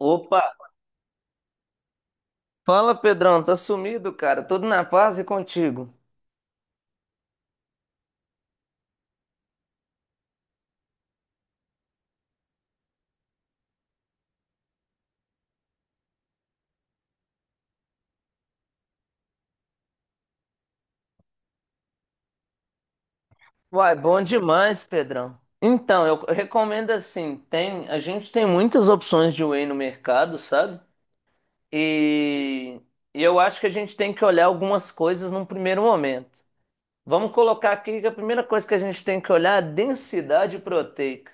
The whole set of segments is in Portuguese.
Opa! Fala, Pedrão, tá sumido, cara? Tudo na paz e contigo? Uai, bom demais, Pedrão. Então, eu recomendo assim, tem, a gente tem muitas opções de whey no mercado, sabe? E, e eu acho que a gente tem que olhar algumas coisas num primeiro momento. Vamos colocar aqui que a primeira coisa que a gente tem que olhar é a densidade proteica.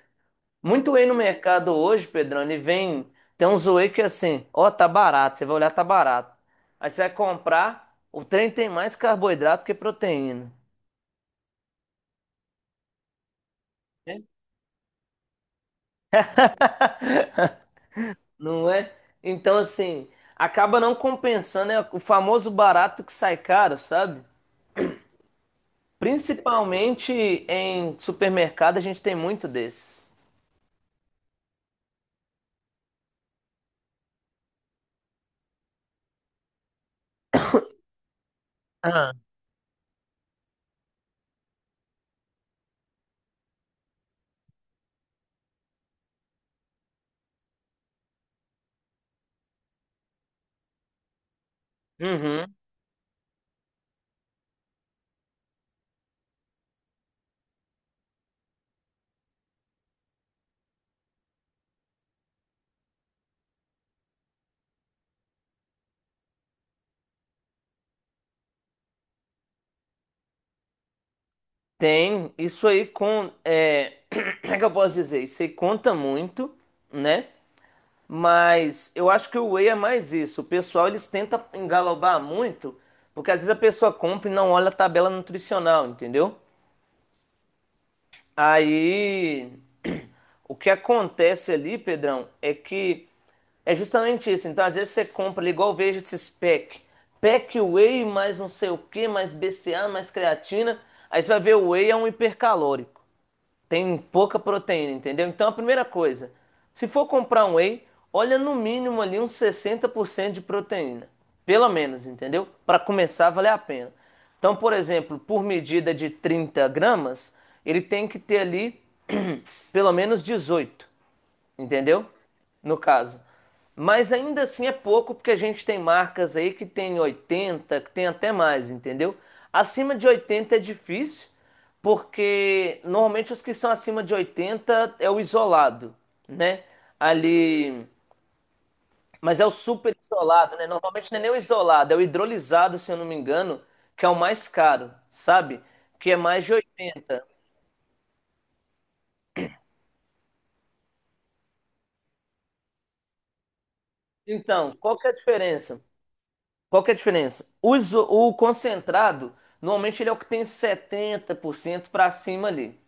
Muito whey no mercado hoje, Pedrão, e vem. Tem uns whey que é assim, ó, tá barato. Você vai olhar, tá barato. Aí você vai comprar, o trem tem mais carboidrato que proteína, né? Não é? Então, assim, acaba não compensando, é o famoso barato que sai caro, sabe? Principalmente em supermercado, a gente tem muito desses. Ah, uhum. Tem isso aí com. Como é que eu posso dizer? Isso aí conta muito, né? Mas eu acho que o whey é mais isso. O pessoal eles tentam engalobar muito, porque às vezes a pessoa compra e não olha a tabela nutricional, entendeu? Aí o que acontece ali, Pedrão, é que é justamente isso. Então às vezes você compra ali, igual eu vejo esses pack whey mais não sei o que, mais BCA, mais creatina. Aí você vai ver o whey é um hipercalórico, tem pouca proteína, entendeu? Então a primeira coisa, se for comprar um whey, olha no mínimo ali uns 60% de proteína, pelo menos, entendeu? Para começar a valer a pena. Então, por exemplo, por medida de 30 gramas, ele tem que ter ali pelo menos 18, entendeu? No caso. Mas ainda assim é pouco, porque a gente tem marcas aí que tem 80, que tem até mais, entendeu? Acima de 80 é difícil, porque normalmente os que são acima de 80 é o isolado, né? Ali. Mas é o super isolado, né? Normalmente não é nem o isolado, é o hidrolisado, se eu não me engano, que é o mais caro, sabe? Que é mais de 80. Então, qual que é a diferença? Qual que é a diferença? O concentrado, normalmente ele é o que tem 70% para cima ali,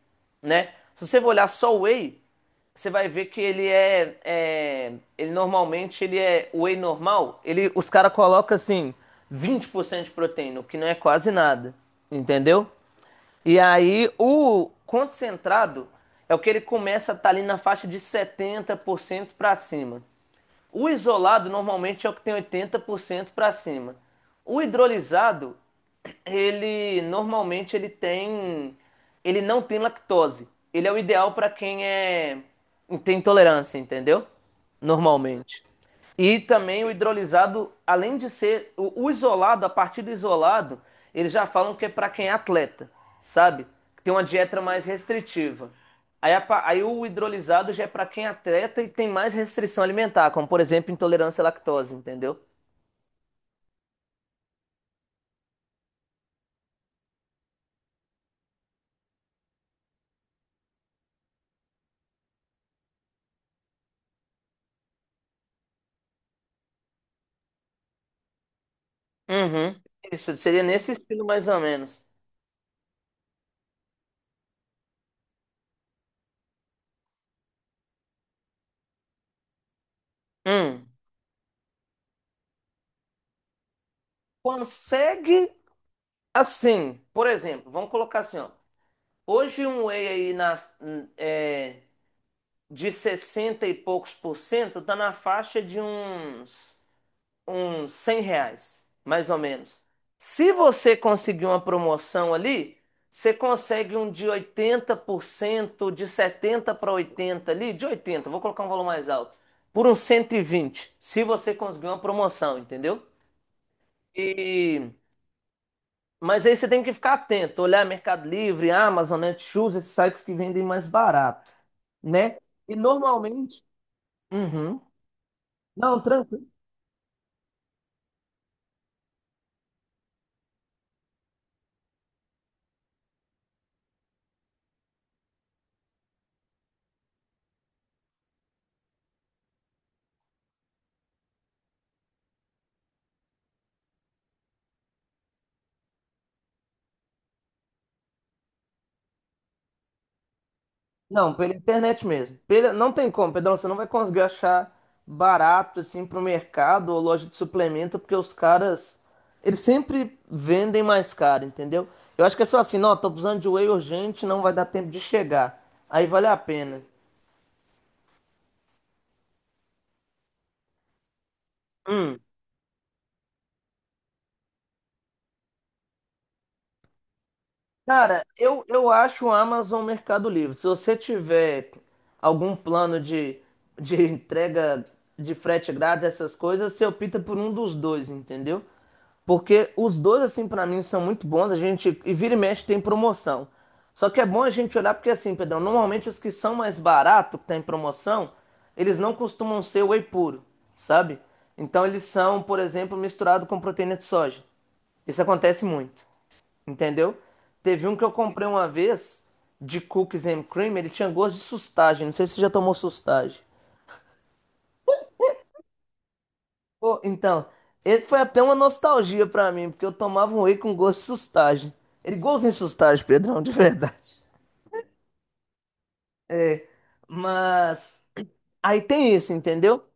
né? Se você for olhar só o whey, você vai ver que ele normalmente ele é o whey normal, ele os caras colocam assim 20% de proteína, o que não é quase nada, entendeu? E aí o concentrado é o que ele começa a estar ali na faixa de 70% para cima. O isolado normalmente é o que tem 80% para cima. O hidrolisado, ele normalmente ele tem, ele não tem lactose. Ele é o ideal para quem é tem intolerância, entendeu? Normalmente. E também o hidrolisado, além de ser o isolado, a partir do isolado, eles já falam que é para quem é atleta, sabe? Tem uma dieta mais restritiva. Aí, aí o hidrolisado já é para quem é atleta e tem mais restrição alimentar, como por exemplo intolerância à lactose, entendeu? Uhum. Isso seria nesse estilo mais ou menos. Hum. Consegue assim, por exemplo, vamos colocar assim, ó. Hoje um whey aí na, de 60 e poucos por cento, tá na faixa de uns 100 reais, mais ou menos. Se você conseguir uma promoção ali, você consegue um de 80%, de 70 para 80 ali, de 80 vou colocar um valor mais alto, por uns 120 se você conseguir uma promoção, entendeu? E mas aí você tem que ficar atento, olhar Mercado Livre, Amazon, Netshoes, esses sites que vendem mais barato, né? E normalmente, uhum. Não, tranquilo. Não, pela internet mesmo. Pela... Não tem como, Pedrão, você não vai conseguir achar barato assim pro mercado ou loja de suplemento, porque os caras, eles sempre vendem mais caro, entendeu? Eu acho que é só assim, não, tô precisando de whey urgente, não vai dar tempo de chegar. Aí vale a pena. Hum. Cara, eu acho o Amazon um Mercado Livre. Se você tiver algum plano de entrega, de frete grátis, essas coisas, você opta por um dos dois, entendeu? Porque os dois, assim, pra mim, são muito bons. A gente, e vira e mexe, tem promoção. Só que é bom a gente olhar, porque assim, Pedrão, normalmente os que são mais baratos, que tá em promoção, eles não costumam ser whey puro, sabe? Então eles são, por exemplo, misturado com proteína de soja. Isso acontece muito. Entendeu? Teve um que eu comprei uma vez de cookies and cream, ele tinha gosto de sustagem. Não sei se você já tomou sustagem. Pô, então, ele foi até uma nostalgia pra mim, porque eu tomava um whey com gosto de sustagem. Ele igualzinho sustagem, Pedrão, de verdade. É, mas aí tem isso, entendeu?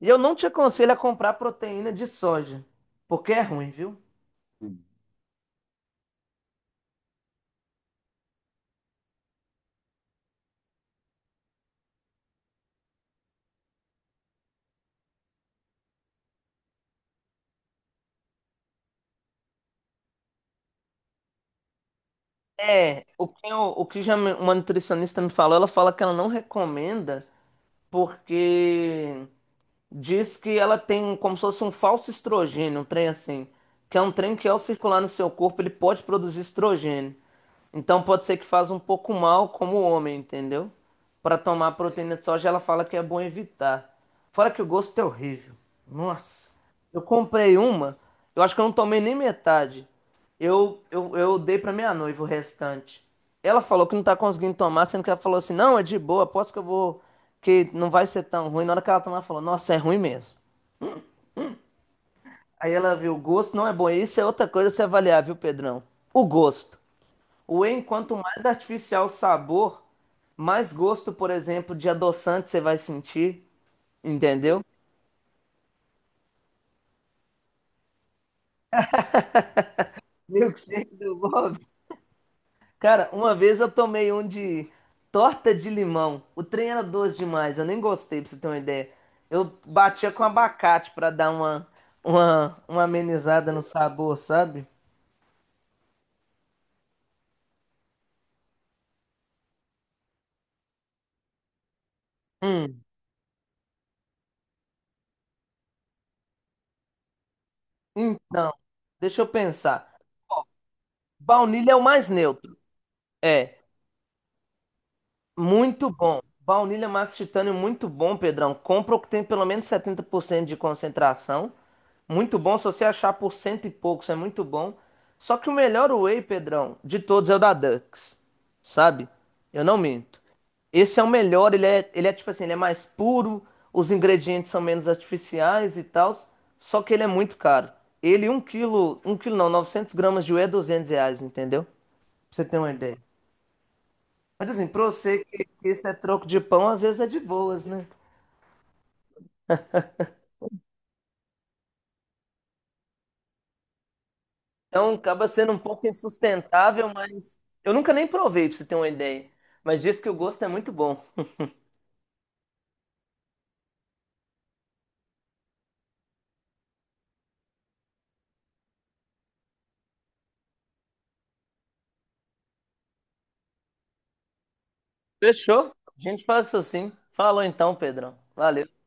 E eu não te aconselho a comprar proteína de soja, porque é ruim, viu? É, o que, eu- o que já me- uma nutricionista me falou, ela fala que ela não recomenda porque diz que ela tem como se fosse um falso estrogênio, um trem assim, que é um trem que ao circular no seu corpo ele pode produzir estrogênio. Então pode ser que faz um pouco mal como o homem, entendeu? Para tomar proteína de soja, ela fala que é bom evitar. Fora que o gosto é horrível. Nossa. Eu comprei uma, eu acho que eu não tomei nem metade. Eu dei pra minha noiva o restante. Ela falou que não tá conseguindo tomar, sendo que ela falou assim: não, é de boa, aposto que eu vou. Que não vai ser tão ruim. Na hora que ela tomar, ela falou: nossa, é ruim mesmo. Aí ela viu: o gosto não é bom. E isso é outra coisa a se avaliar, viu, Pedrão? O gosto. O whey, quanto mais artificial o sabor, mais gosto, por exemplo, de adoçante você vai sentir. Entendeu? Milkshake do Bob. Cara, uma vez eu tomei um de torta de limão. O trem era doce demais, eu nem gostei, pra você ter uma ideia. Eu batia com abacate pra dar uma amenizada no sabor, sabe? Hum, então, deixa eu pensar. Baunilha é o mais neutro. É. Muito bom. Baunilha Max Titânio, muito bom, Pedrão. Compra o que tem pelo menos 70% de concentração. Muito bom se você achar por cento e poucos, é muito bom. Só que o melhor whey, Pedrão, de todos é o da Dux, sabe? Eu não minto. Esse é o melhor, ele é tipo assim, ele é mais puro, os ingredientes são menos artificiais e tal, só que ele é muito caro. Ele, um quilo não, 900 gramas de whey é R$ 200, entendeu? Pra você ter uma ideia. Mas assim, pra você que isso é troco de pão, às vezes é de boas, né? Então acaba sendo um pouco insustentável, mas eu nunca nem provei, pra você ter uma ideia. Mas diz que o gosto é muito bom. Fechou? A gente faz isso sim. Falou então, Pedrão. Valeu.